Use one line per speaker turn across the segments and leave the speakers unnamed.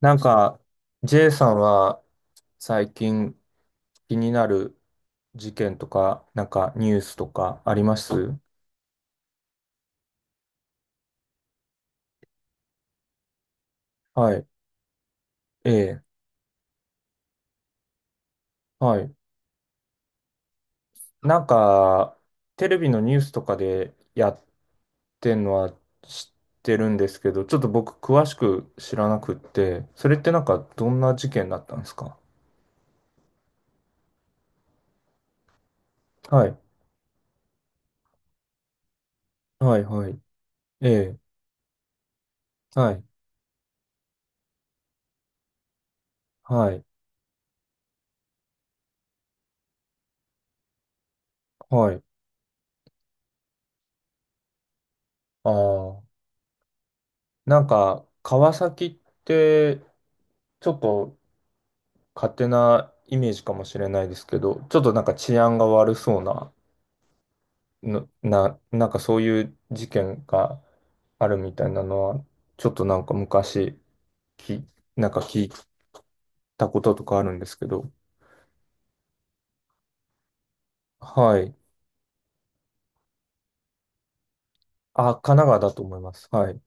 なんか、J さんは最近気になる事件とか、なんかニュースとかあります？はい。ええ。はい。なんか、テレビのニュースとかでやってんのは知ってるんですけど、ちょっと僕詳しく知らなくって、それってなんかどんな事件だったんですか？はい。はい、はい。ええ。はい。はい。はい。ああ。なんか、川崎って、ちょっと勝手なイメージかもしれないですけど、ちょっとなんか治安が悪そうな、なんかそういう事件があるみたいなのは、ちょっとなんか昔、き、なんか聞いたこととかあるんですけど、はい。あ、神奈川だと思います。はい。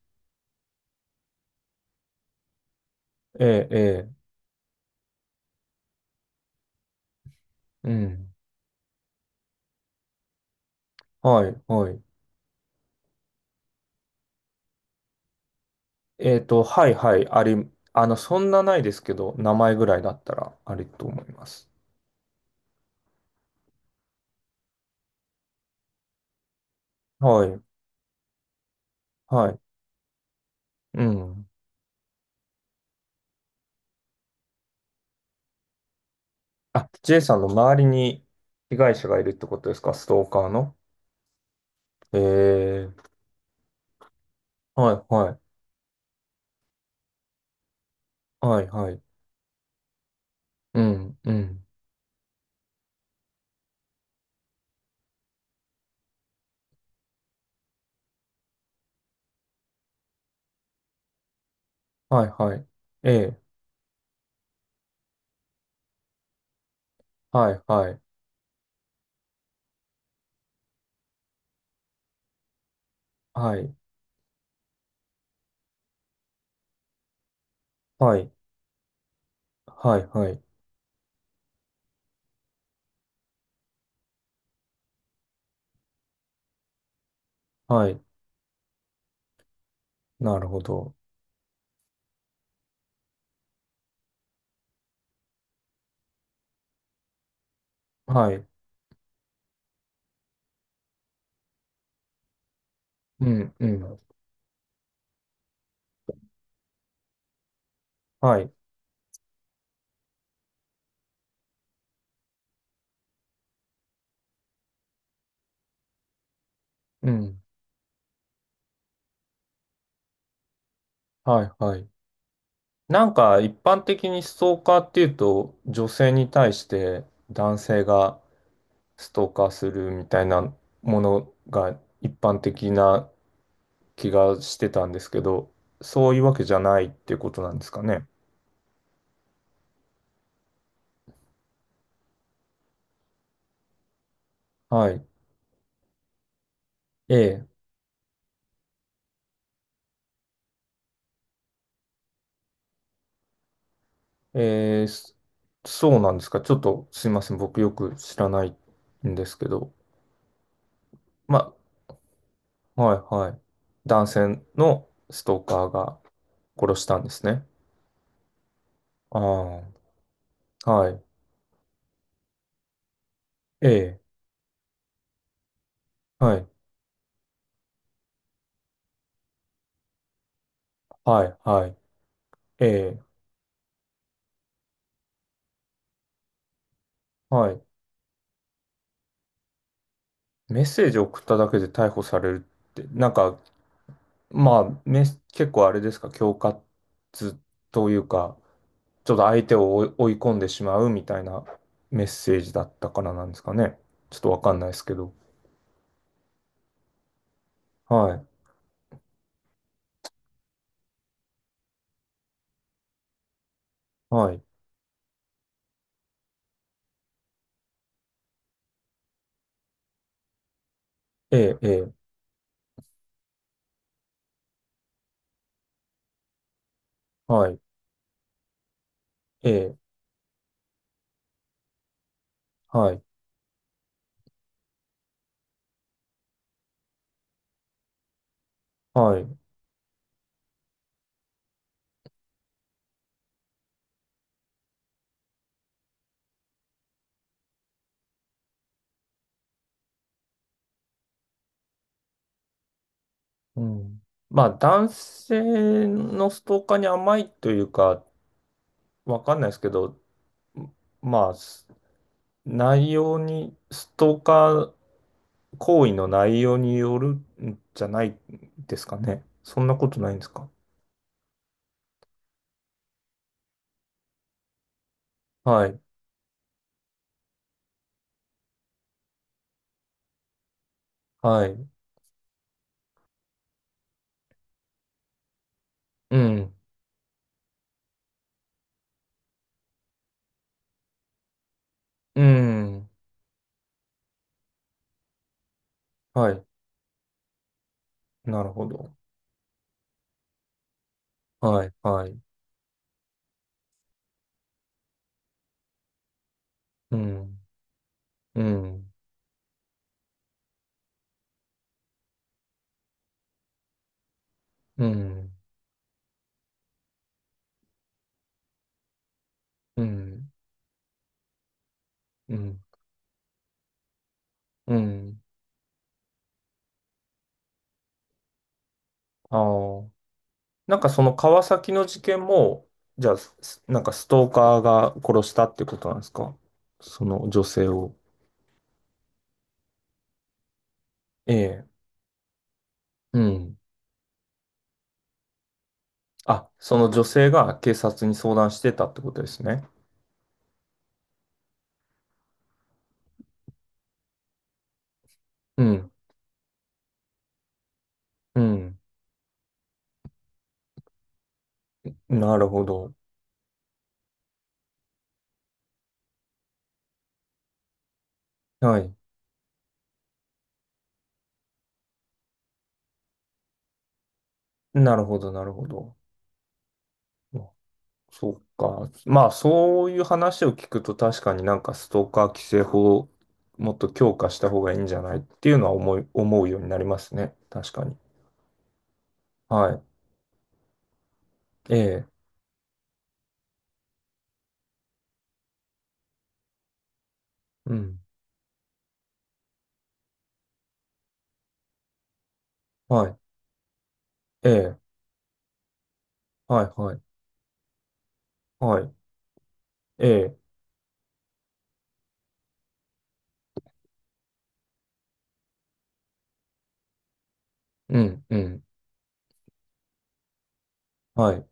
ええ、ええ、うん。はい、はい。はい、はい、そんなないですけど、名前ぐらいだったらありと思います。はい、はい、うん。あ、J さんの周りに被害者がいるってことですか、ストーカーの？ええ、はい、はい、はい、はい。うん、うん。はい、はい。ええ、はい、はい、はい、はい、はい、はい、はい。なるほど。はい、うん、うん。はい、うん、はい、はい。なんか、一般的にストーカーっていうと、女性に対して男性がストーカーするみたいなものが一般的な気がしてたんですけど、そういうわけじゃないっていうことなんですかね。はい。ええ、ええ、そうなんですか。ちょっとすいません。僕よく知らないんですけど。ま、あ、はい、はい。男性のストーカーが殺したんですね。ああ、はい。ええ、はい、はい、はい。ええ、はい。メッセージを送っただけで逮捕されるって、なんか、まあ、結構あれですか、恐喝というか、ちょっと相手を追い込んでしまうみたいなメッセージだったからなんですかね。ちょっとわかんないですけど。はい。はい。ええ、ええ、はい。ええ、はい。はい。うん。まあ、男性のストーカーに甘いというか、わかんないですけど、まあ、内容に、ストーカー行為の内容によるんじゃないですかね。そんなことないんですか。はい。はい。うん。うん。はい。なるほど。はい、はい。うん、うん、うん、うん、うん、うん。ああ。なんかその川崎の事件も、じゃあ、なんかストーカーが殺したってことなんですか？その女性を。ええ。うん。あ、その女性が警察に相談してたってことですね。うん、うん。なるほど。はい。なるほど、なるほど。そうか。まあ、そういう話を聞くと確かになんかストーカー規制法をもっと強化した方がいいんじゃないっていうのは思うようになりますね。確かに。はい。ええ。うん。はい。ええ。はい、はい。はい。ええ。うん、うん。はい。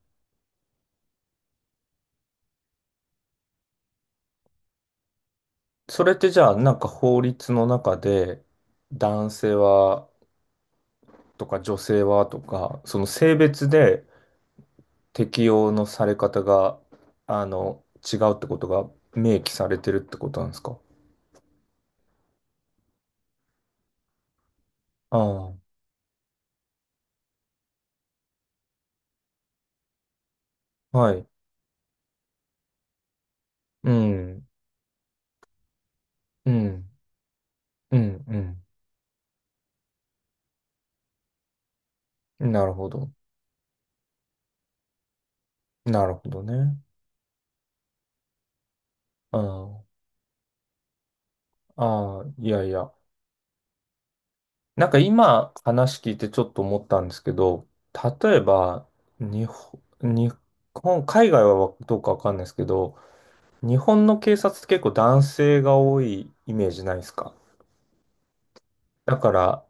それってじゃあ、なんか法律の中で、男性はとか女性はとか、その性別で適用のされ方が、あの、違うってことが明記されてるってことなんですか？ああ、はい。うん、うん、うん、うん。なるほど。なるほどね。ああ、ああ、いやいや。なんか今話聞いてちょっと思ったんですけど、例えば、日本、海外はどうかわかんないですけど、日本の警察って結構男性が多いイメージないですか？だから、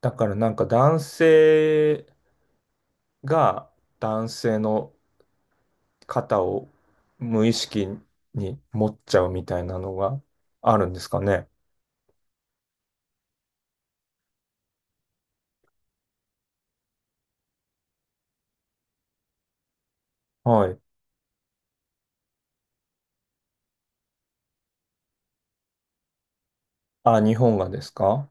だからなんか男性が男性の肩を無意識に持っちゃうみたいなのがあるんですかね。はい。あ、日本がですか？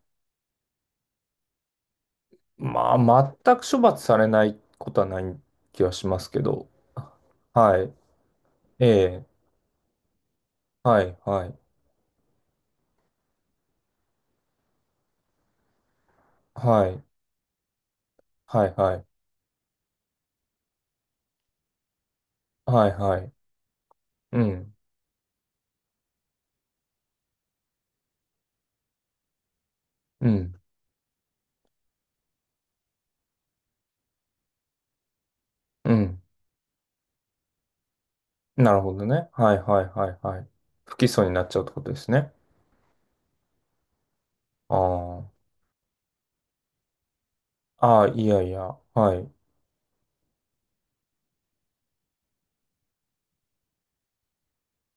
まあ、全く処罰されないことはない気はしますけど。はい。ええ。はい、はい。はい。はい、はい。はい、はい。うん。うん。うん。なるほどね。はい、はい、はい、はい。不起訴になっちゃうってことですね。ああ。ああ、いやいや。はい。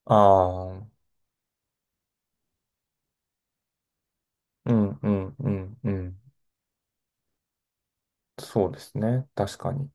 ああ。うん、うん、うん、うん。そうですね。確かに。